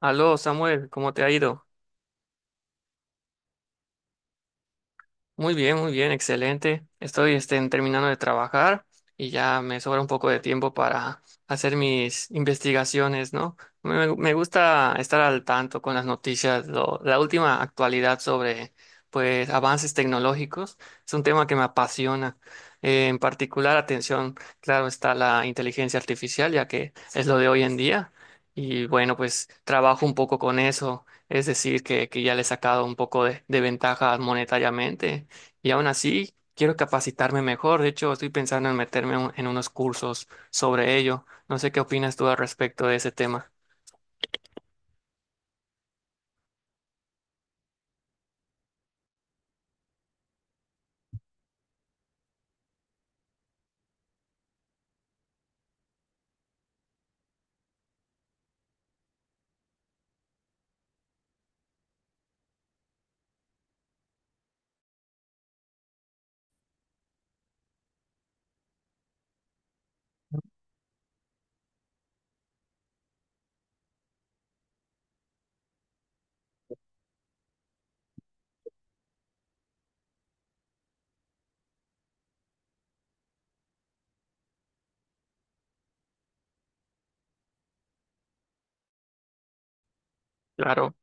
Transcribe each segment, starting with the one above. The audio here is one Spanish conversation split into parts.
Aló, Samuel, ¿cómo te ha ido? Muy bien, excelente. Estoy terminando de trabajar y ya me sobra un poco de tiempo para hacer mis investigaciones, ¿no? Me gusta estar al tanto con las noticias, la última actualidad sobre, pues, avances tecnológicos. Es un tema que me apasiona. En particular, atención, claro, está la inteligencia artificial, ya que es lo de hoy en día. Y bueno, pues trabajo un poco con eso. Es decir, que ya le he sacado un poco de ventaja monetariamente y aún así, quiero capacitarme mejor. De hecho, estoy pensando en meterme en unos cursos sobre ello. No sé qué opinas tú al respecto de ese tema. Claro.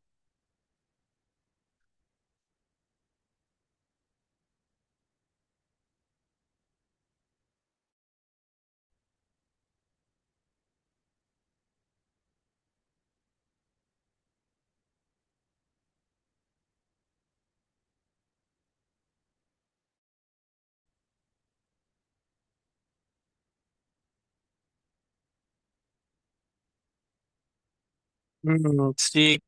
Mm, sí,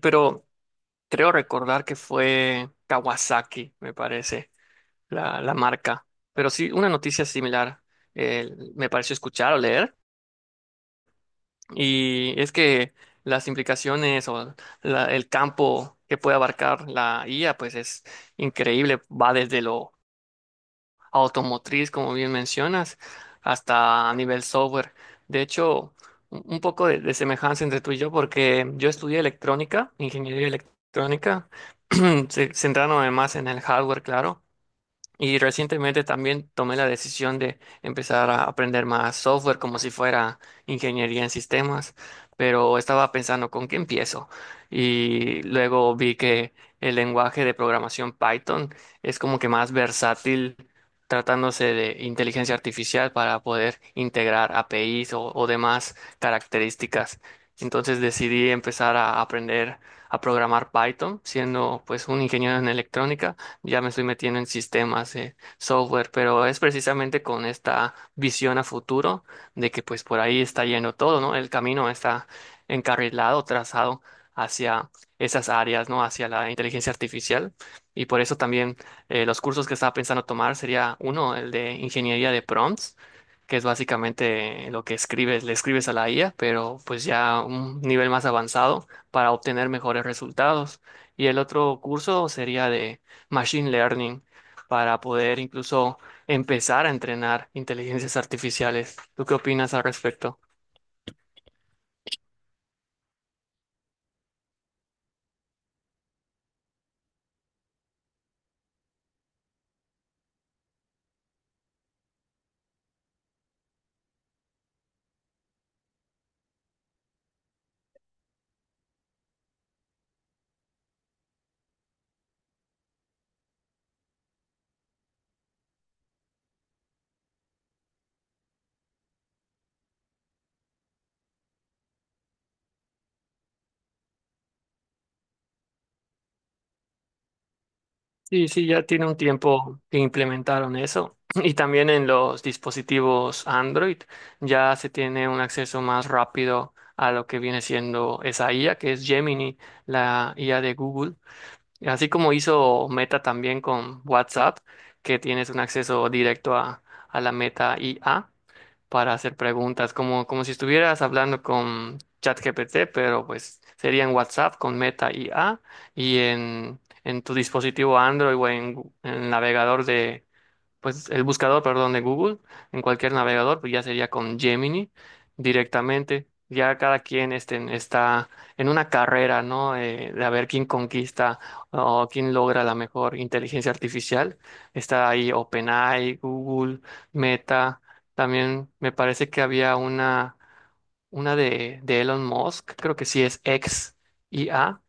pero creo recordar que fue Kawasaki, me parece, la marca. Pero sí, una noticia similar eh, me pareció escuchar o leer. Y es que las implicaciones o el campo que puede abarcar la IA, pues es increíble. Va desde lo automotriz, como bien mencionas, hasta a nivel software. De hecho, un poco de semejanza entre tú y yo, porque yo estudié electrónica, ingeniería electrónica, centrándome más en el hardware, claro, y recientemente también tomé la decisión de empezar a aprender más software como si fuera ingeniería en sistemas, pero estaba pensando con qué empiezo. Y luego vi que el lenguaje de programación Python es como que más versátil tratándose de inteligencia artificial para poder integrar APIs o demás características. Entonces decidí empezar a aprender a programar Python, siendo pues un ingeniero en electrónica, ya me estoy metiendo en sistemas, software, pero es precisamente con esta visión a futuro de que pues por ahí está yendo todo, ¿no? El camino está encarrilado, trazado hacia esas áreas, ¿no? Hacia la inteligencia artificial. Y por eso también los cursos que estaba pensando tomar sería uno, el de ingeniería de prompts, que es básicamente lo que escribes, le escribes a la IA, pero pues ya un nivel más avanzado para obtener mejores resultados. Y el otro curso sería machine learning para poder incluso empezar a entrenar inteligencias artificiales. ¿Tú qué opinas al respecto? Sí, sí, ya tiene un tiempo que implementaron eso. Y también en los dispositivos Android ya se tiene un acceso más rápido a lo que viene siendo esa IA, que es Gemini, la IA de Google. Así como hizo Meta también con WhatsApp, que tienes un acceso directo a la Meta IA, para hacer preguntas, como, como si estuvieras hablando con ChatGPT, pero pues sería en WhatsApp con Meta IA y en tu dispositivo Android o en navegador de, pues el buscador, perdón, de Google, en cualquier navegador, pues ya sería con Gemini directamente. Ya cada quien está en una carrera, ¿no? De a ver quién conquista o quién logra la mejor inteligencia artificial. Está ahí OpenAI, Google, Meta. También me parece que había una de Elon Musk, creo que sí es X IA,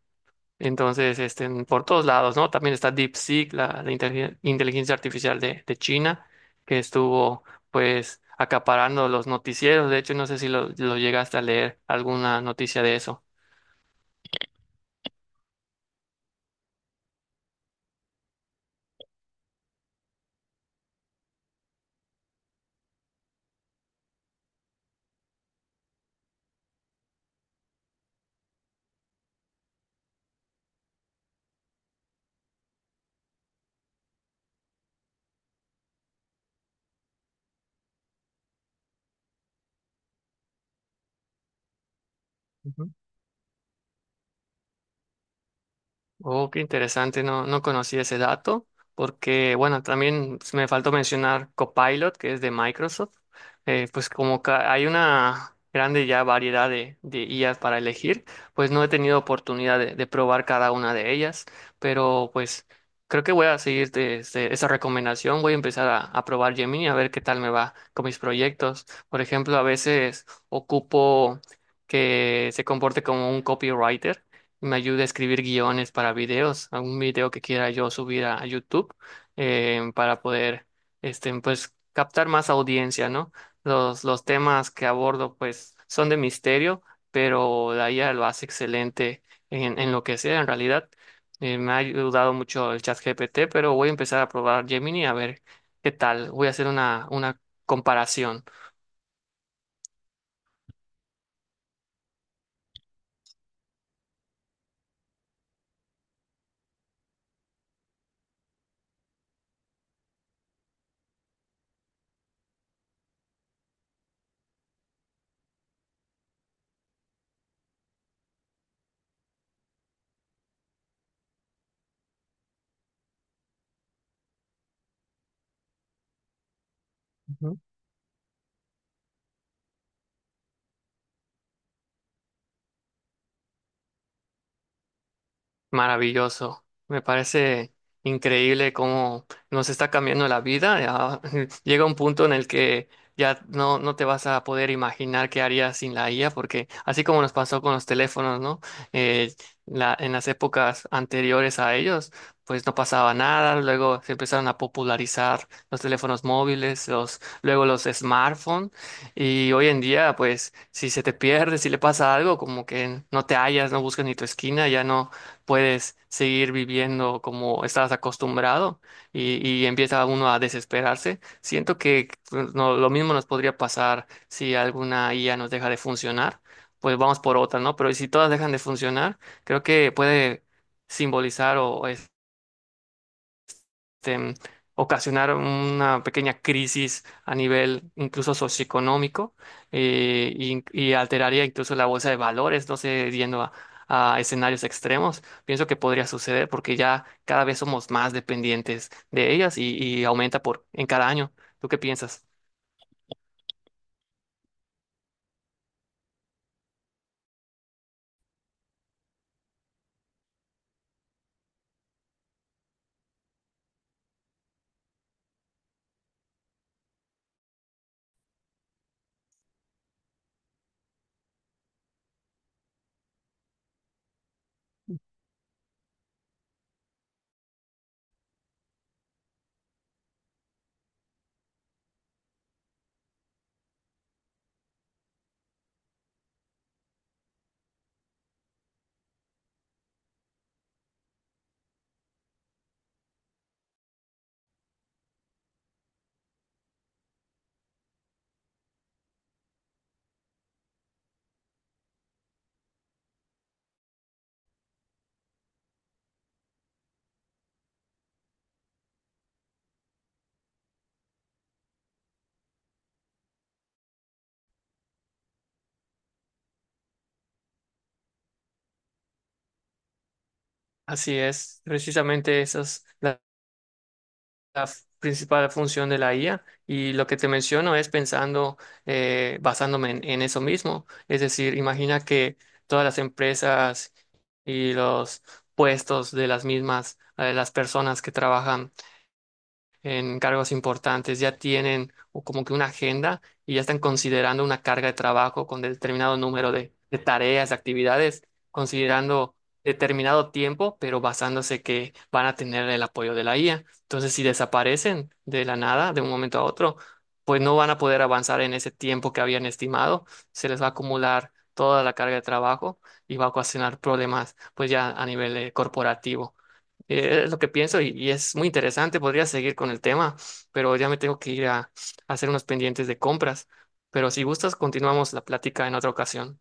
entonces, este, por todos lados, ¿no? También está DeepSeek, la inteligencia artificial de China, que estuvo, pues, acaparando los noticieros. De hecho, no sé si lo llegaste a leer alguna noticia de eso. Oh, qué interesante, no, no conocí ese dato, porque bueno, también me faltó mencionar Copilot, que es de Microsoft. Pues como hay una grande ya variedad de IAs para elegir, pues no he tenido oportunidad de probar cada una de ellas, pero pues creo que voy a seguir esa recomendación, voy a empezar a probar Gemini a ver qué tal me va con mis proyectos. Por ejemplo, a veces ocupo que se comporte como un copywriter, me ayude a escribir guiones para videos, algún video que quiera yo subir a YouTube, para poder, este, pues, captar más audiencia, ¿no? Los temas que abordo, pues, son de misterio, pero la IA lo hace excelente en lo que sea, en realidad. Me ha ayudado mucho el chat GPT, pero voy a empezar a probar Gemini a ver qué tal. Voy a hacer una comparación. Maravilloso. Me parece increíble cómo nos está cambiando la vida. Ya llega un punto en el que ya no te vas a poder imaginar qué harías sin la IA, porque así como nos pasó con los teléfonos, ¿no? Eh, en las épocas anteriores a ellos, pues no pasaba nada. Luego se empezaron a popularizar los teléfonos móviles, luego los smartphones. Y hoy en día, pues, si se te pierde, si le pasa algo, como que no te hallas, no buscas ni tu esquina, ya no puedes seguir viviendo como estabas acostumbrado y empieza uno a desesperarse. Siento que pues, lo mismo nos podría pasar si alguna IA nos deja de funcionar, pues vamos por otra, ¿no? Pero si todas dejan de funcionar, creo que puede simbolizar o este, ocasionar una pequeña crisis a nivel incluso socioeconómico, y alteraría incluso la bolsa de valores, no sé, yendo a escenarios extremos. Pienso que podría suceder porque ya cada vez somos más dependientes de ellas y aumenta por en cada año. ¿Tú qué piensas? Así es, precisamente esas. La principal función de la IA y lo que te menciono es pensando, basándome en eso mismo. Es decir, imagina que todas las empresas y los puestos de las mismas, las personas que trabajan en cargos importantes, ya tienen o como que una agenda y ya están considerando una carga de trabajo con determinado número de tareas, de actividades, considerando determinado tiempo, pero basándose que van a tener el apoyo de la IA. Entonces, si desaparecen de la nada, de un momento a otro, pues no van a poder avanzar en ese tiempo que habían estimado, se les va a acumular toda la carga de trabajo y va a ocasionar problemas, pues ya a nivel corporativo. Es lo que pienso y es muy interesante. Podría seguir con el tema, pero ya me tengo que ir a hacer unos pendientes de compras. Pero si gustas, continuamos la plática en otra ocasión.